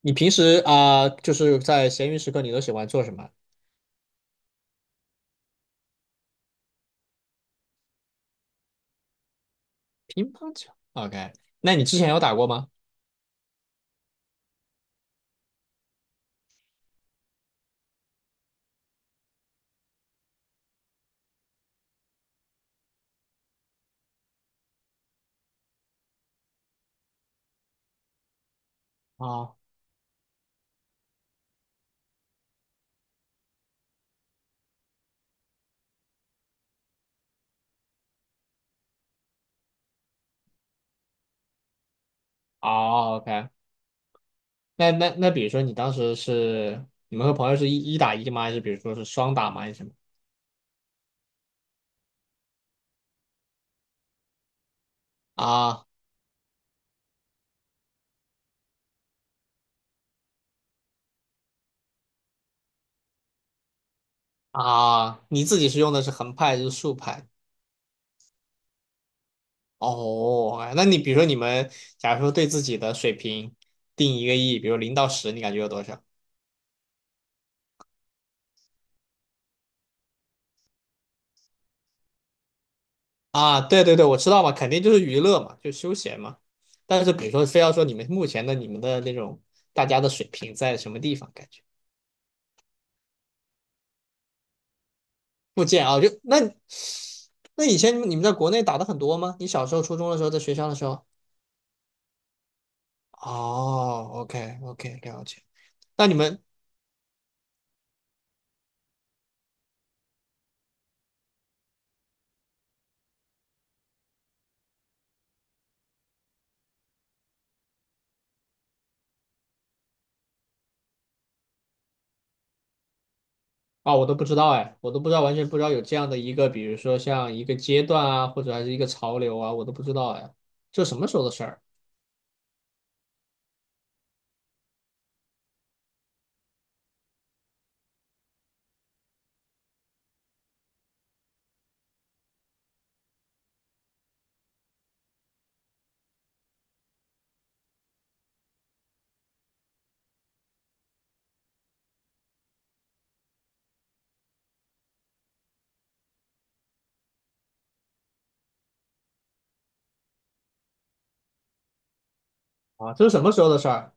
你平时啊就是在闲余时刻，你都喜欢做什么？乒乓球。OK，那你之前有打过吗？啊，哦，OK，那，比如说你当时是你们和朋友是一打一吗？还是比如说是双打吗？还是什么？啊啊，你自己是用的是横拍还是竖拍？哦，OK，那你比如说你们，假如说对自己的水平定一个亿，比如0到10，你感觉有多少？啊，对对对，我知道嘛，肯定就是娱乐嘛，就休闲嘛。但是比如说，非要说你们目前的你们的那种大家的水平在什么地方，感觉不见啊，就那以前你们在国内打的很多吗？你小时候初中的时候，在学校的时候？哦，OK OK，了解。那你们啊，我都不知道哎，我都不知道，完全不知道有这样的一个，比如说像一个阶段啊，或者还是一个潮流啊，我都不知道哎，这什么时候的事儿啊？这是什么时候的事儿？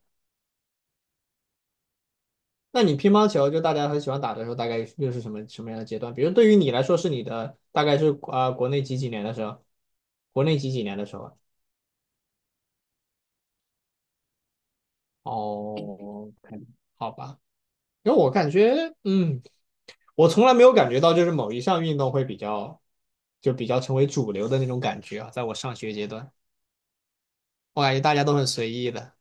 那你乒乓球就大家很喜欢打的时候，大概又是什么什么样的阶段？比如对于你来说，是你的大概是啊国内几几年的时候？国内几几年的时候啊？哦，k 好吧。因为我感觉，我从来没有感觉到就是某一项运动会比较，就比较成为主流的那种感觉啊。在我上学阶段，我感觉大家都很随意的。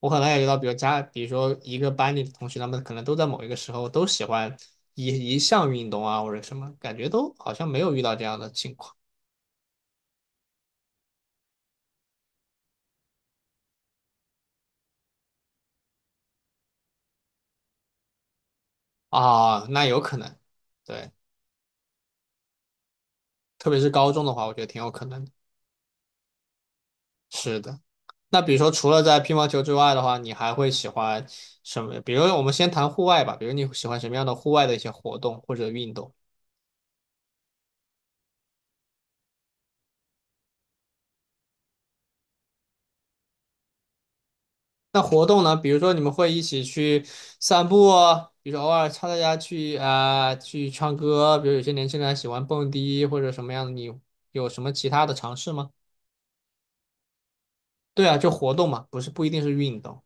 我可能感觉到，比如说一个班里的同学，他们可能都在某一个时候都喜欢一一项运动啊，或者什么，感觉都好像没有遇到这样的情况。啊，那有可能，对，特别是高中的话，我觉得挺有可能的。是的，那比如说除了在乒乓球之外的话，你还会喜欢什么？比如我们先谈户外吧，比如你喜欢什么样的户外的一些活动或者运动？那活动呢？比如说你们会一起去散步啊，比如说偶尔插大家去啊、去唱歌，比如有些年轻人还喜欢蹦迪或者什么样的，你有什么其他的尝试吗？对啊，就活动嘛，不是不一定是运动。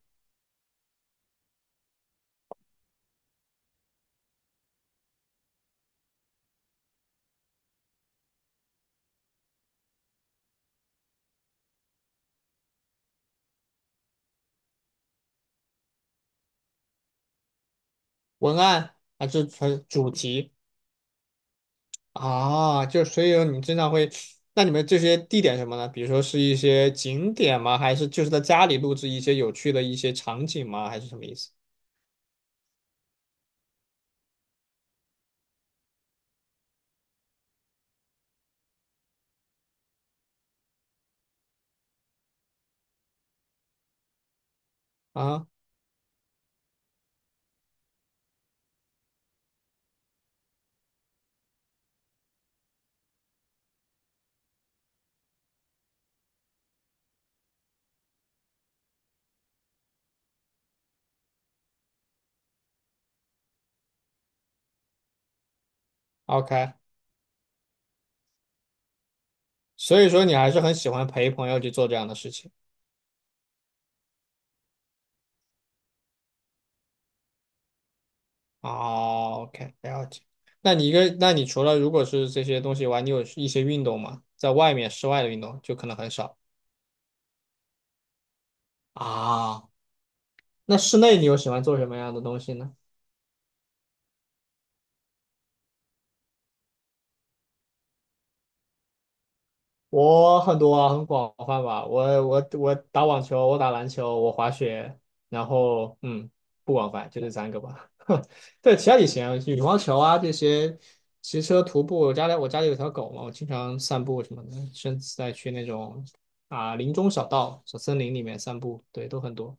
文案还是纯主题。啊，就所以说你经常会，那你们这些地点什么呢？比如说是一些景点吗？还是就是在家里录制一些有趣的一些场景吗？还是什么意思啊？OK，所以说你还是很喜欢陪朋友去做这样的事情。哦，OK，了解。那你除了如果是这些东西以外，你有一些运动吗？在外面室外的运动就可能很少啊。那室内你又喜欢做什么样的东西呢？我很多啊，很广泛吧。我打网球，我打篮球，我滑雪，然后不广泛，就这三个吧。对，其他也行，羽毛球啊这些，骑车、徒步。我家里有条狗嘛，我经常散步什么的，甚至在去那种啊林中小道、小森林里面散步，对，都很多。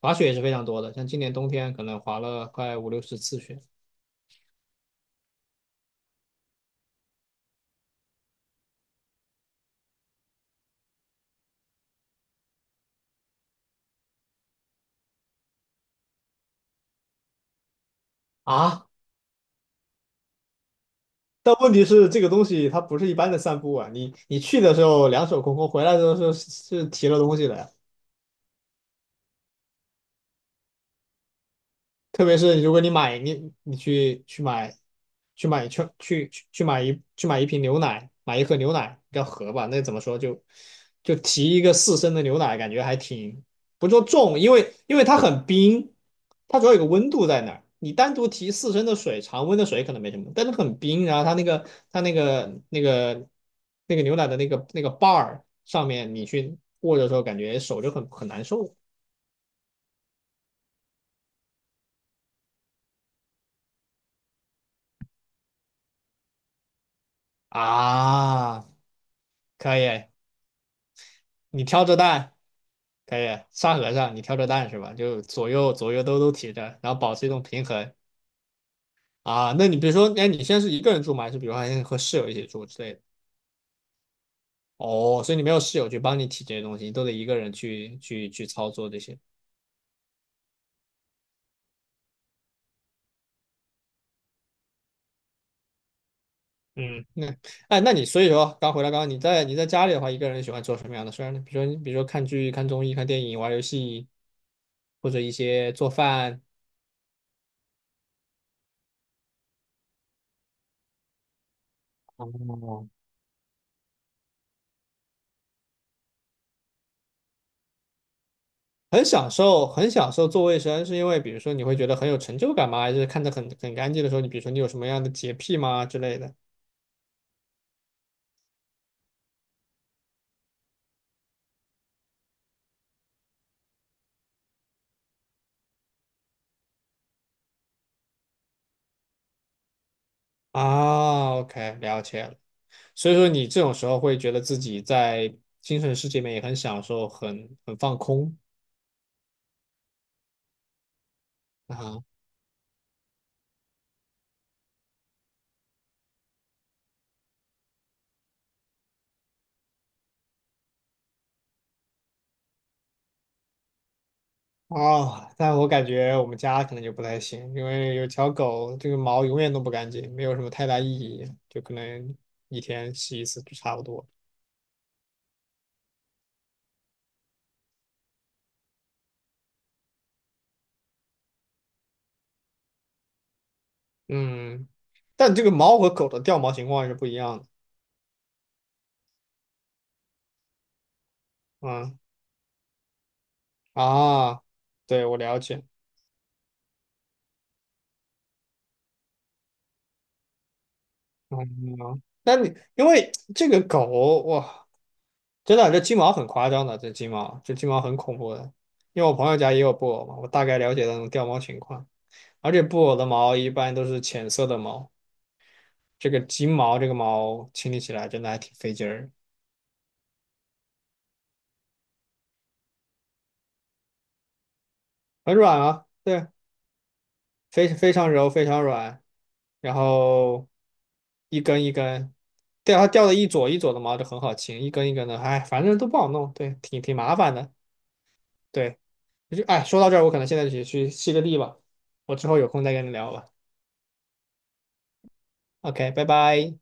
滑雪也是非常多的，像今年冬天可能滑了快50、60次雪啊。但问题是，这个东西它不是一般的散步啊！你去的时候两手空空，回来的时候是提了东西的呀。特别是如果你去买一瓶牛奶，买一盒牛奶，不叫盒吧？那怎么说就提一个四升的牛奶，感觉还挺不说重，因为它很冰，它主要有个温度在那儿。你单独提四升的水，常温的水可能没什么，但是很冰，然后它那个牛奶的那个把儿上面，你去握着的时候，感觉手就很难受啊。可以，你挑着担。可以，沙和尚，你挑着担是吧？就左右左右都提着，然后保持一种平衡啊。那你比如说，哎，你现在是一个人住吗？还是比如说还和室友一起住之类的？哦，所以你没有室友去帮你提这些东西，你都得一个人去操作这些。嗯，那哎，那你所以说，刚回来，刚刚你在家里的话，一个人喜欢做什么样的事儿呢？比如说看剧、看综艺、看电影、玩游戏，或者一些做饭。哦很享受，很享受做卫生，是因为比如说你会觉得很有成就感吗？还是看着很干净的时候，你比如说你有什么样的洁癖吗之类的？啊，OK，了解了。所以说你这种时候会觉得自己在精神世界里面也很享受，很放空啊。哦，但我感觉我们家可能就不太行，因为有条狗，这个毛永远都不干净，没有什么太大意义，就可能一天洗一次就差不多。嗯，但这个猫和狗的掉毛情况是不一样的。嗯。啊，对，我了解。嗯，那你因为这个狗哇，真的这金毛很夸张的，这金毛很恐怖的。因为我朋友家也有布偶嘛，我大概了解那种掉毛情况，而且布偶的毛一般都是浅色的毛，这个金毛这个毛清理起来真的还挺费劲儿，很软啊，对，非常柔，非常软，然后一根一根，对，它掉的一撮一撮的毛就很好清，一根一根的，哎，反正都不好弄，对，挺麻烦的。对。就哎，说到这儿，我可能现在就去吸个地吧，我之后有空再跟你聊吧。OK，拜拜。